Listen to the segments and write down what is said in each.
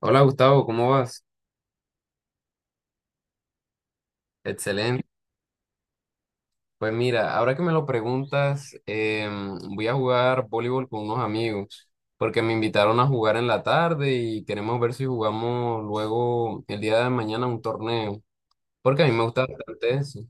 Hola Gustavo, ¿cómo vas? Excelente. Pues mira, ahora que me lo preguntas, voy a jugar voleibol con unos amigos, porque me invitaron a jugar en la tarde y queremos ver si jugamos luego el día de mañana un torneo, porque a mí me gusta bastante eso.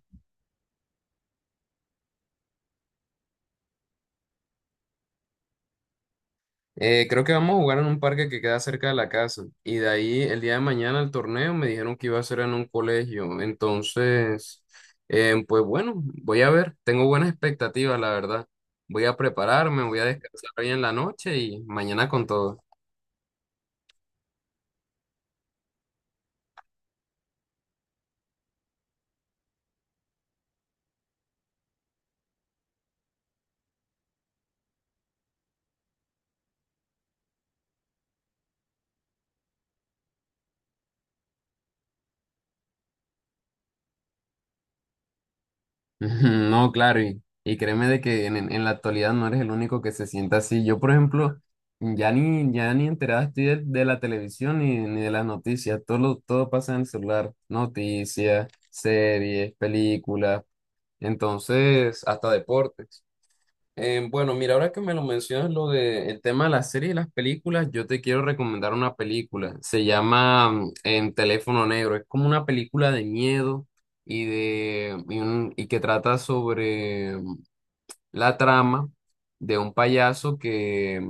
Creo que vamos a jugar en un parque que queda cerca de la casa. Y de ahí, el día de mañana, el torneo me dijeron que iba a ser en un colegio. Entonces, pues bueno, voy a ver. Tengo buenas expectativas, la verdad. Voy a prepararme, voy a descansar hoy en la noche y mañana con todo. Ujú. No, claro, y créeme de que en la actualidad no eres el único que se sienta así. Yo, por ejemplo, ya ni enterada estoy de la televisión ni de las noticias. Todo, todo pasa en el celular. Noticias, series, películas, entonces, hasta deportes. Bueno, mira, ahora que me lo mencionas, lo de el tema de las series y las películas, yo te quiero recomendar una película. Se llama En Teléfono Negro. Es como una película de miedo y que trata sobre la trama de un payaso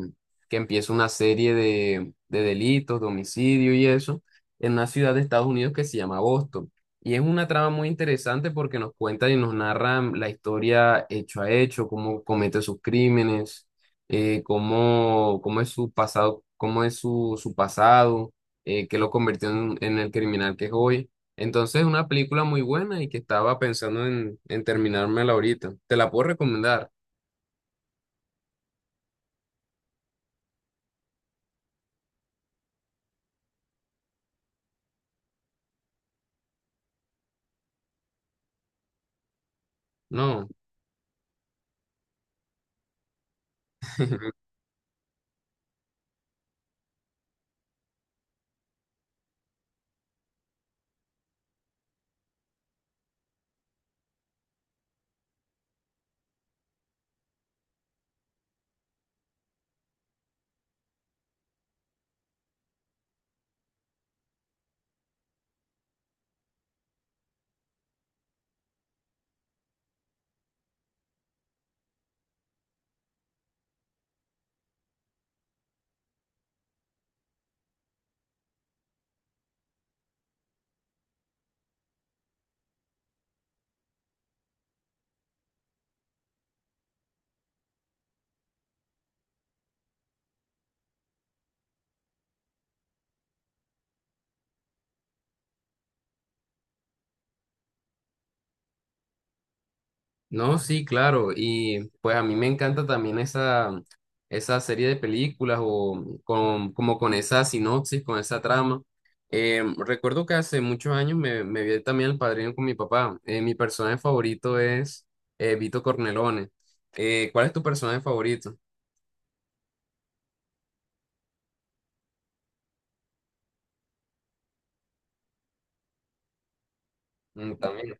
que empieza una serie de delitos, de homicidio y eso, en una ciudad de Estados Unidos que se llama Boston. Y es una trama muy interesante porque nos cuenta y nos narra la historia hecho a hecho, cómo comete sus crímenes, cómo es su pasado, su pasado, qué lo convirtió en el criminal que es hoy. Entonces, es una película muy buena y que estaba pensando en terminármela ahorita. Te la puedo recomendar. No, no, sí, claro. Y pues a mí me encanta también esa serie de películas como con esa sinopsis, con esa trama. Recuerdo que hace muchos años me vi también El Padrino con mi papá. Mi personaje favorito es Vito Cornelone. ¿Cuál es tu personaje favorito? Mm. También.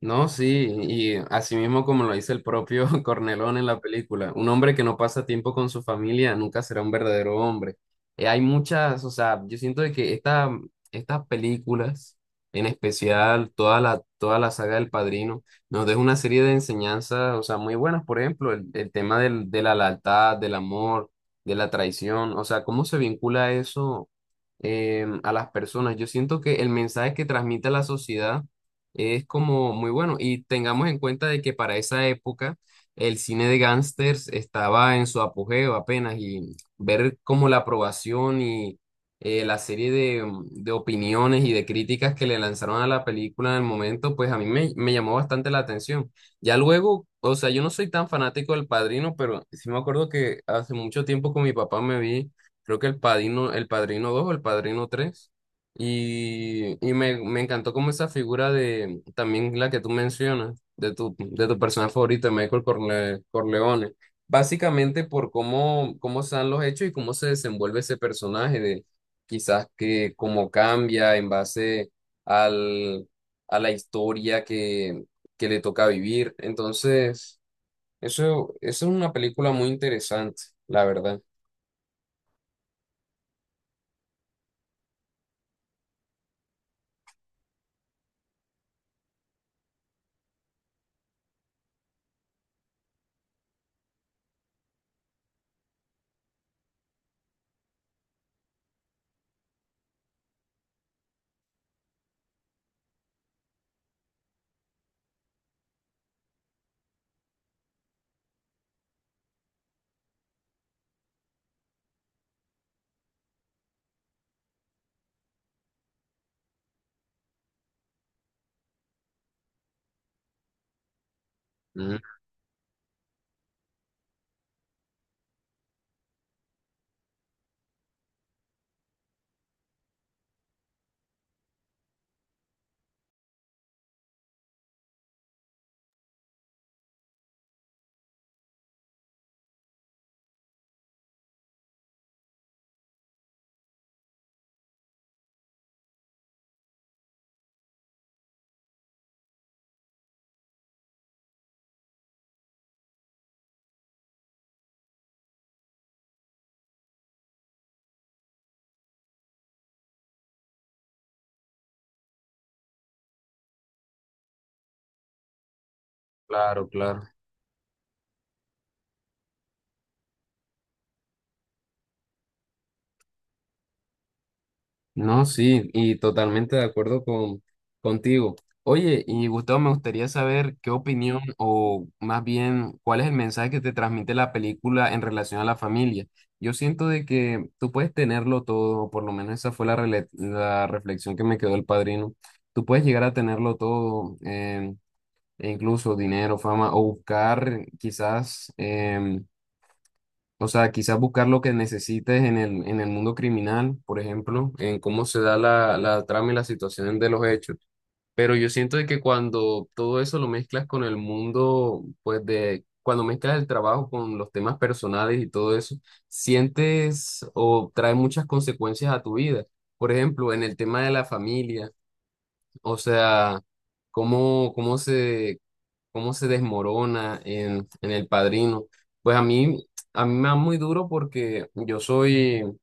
No, sí, y así mismo como lo dice el propio Cornelón en la película, un hombre que no pasa tiempo con su familia nunca será un verdadero hombre. Hay muchas, o sea, yo siento de que estas películas, en especial toda la saga del Padrino, nos deja una serie de enseñanzas, o sea, muy buenas, por ejemplo, el tema de la lealtad, del amor, de la traición, o sea, cómo se vincula eso a las personas. Yo siento que el mensaje que transmite la sociedad es como muy bueno. Y tengamos en cuenta de que para esa época el cine de gángsters estaba en su apogeo apenas y ver como la aprobación y la serie de opiniones y de críticas que le lanzaron a la película en el momento, pues a mí me llamó bastante la atención. Ya luego, o sea, yo no soy tan fanático del Padrino, pero sí me acuerdo que hace mucho tiempo con mi papá me vi, creo que el Padrino dos o el Padrino tres me encantó como esa figura de, también la que tú mencionas, de tu personaje favorito, Corleone, básicamente por cómo, cómo se dan los hechos y cómo se desenvuelve ese personaje, de quizás que cómo cambia en base al, a la historia que le toca vivir. Entonces, eso es una película muy interesante, la verdad. Mm, claro, claro. No, sí, y totalmente de acuerdo contigo. Oye, y Gustavo, me gustaría saber qué opinión o más bien cuál es el mensaje que te transmite la película en relación a la familia. Yo siento de que tú puedes tenerlo todo, o por lo menos esa fue la reflexión que me quedó el padrino. Tú puedes llegar a tenerlo todo, e incluso dinero, fama, o buscar quizás o sea, quizás buscar lo que necesites en el mundo criminal, por ejemplo, en cómo se da la trama y la situación de los hechos. Pero yo siento de que cuando todo eso lo mezclas con el mundo, pues de, cuando mezclas el trabajo con los temas personales y todo eso, sientes o trae muchas consecuencias a tu vida. Por ejemplo, en el tema de la familia, o sea, cómo, cómo se, cómo se desmorona en El Padrino. Pues a mí me da muy duro porque yo soy, o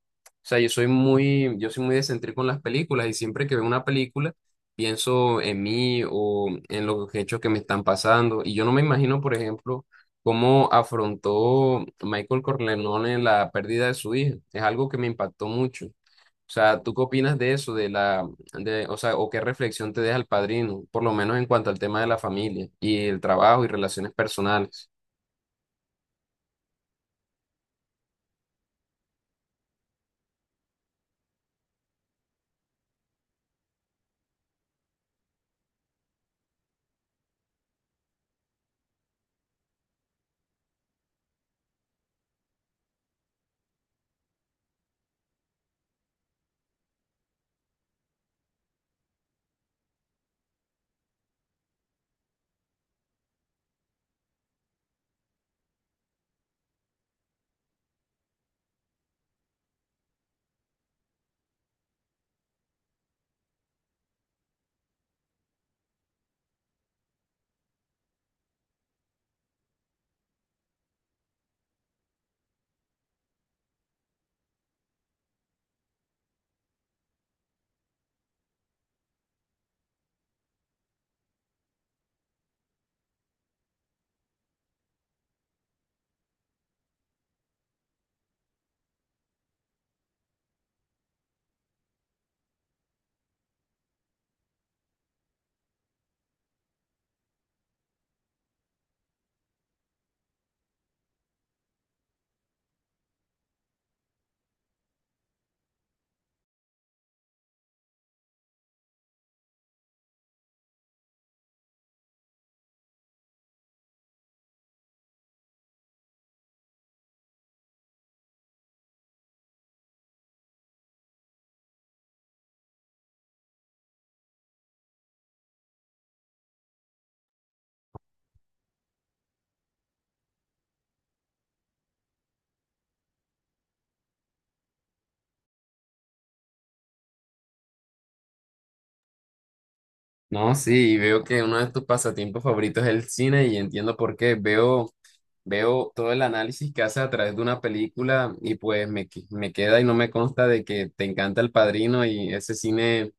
sea, yo soy muy descentrico con las películas y siempre que veo una película pienso en mí o en los hechos que me están pasando y yo no me imagino, por ejemplo, cómo afrontó Michael Corleone la pérdida de su hija. Es algo que me impactó mucho. O sea, ¿tú qué opinas de eso, o sea, o qué reflexión te deja el padrino, por lo menos en cuanto al tema de la familia y el trabajo y relaciones personales? No, sí, y veo que uno de tus pasatiempos favoritos es el cine y entiendo por qué. Veo todo el análisis que haces a través de una película y pues me queda y no me consta de que te encanta El Padrino y ese cine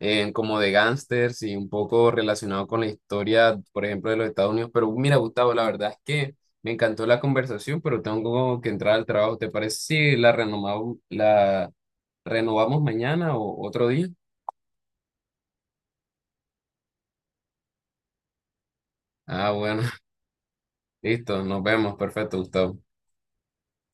como de gángsters y un poco relacionado con la historia, por ejemplo, de los Estados Unidos. Pero mira, Gustavo, la verdad es que me encantó la conversación, pero tengo que entrar al trabajo. ¿Te parece si la renovamos, la renovamos mañana o otro día? Ah, bueno, listo, nos vemos. Perfecto, Gustavo.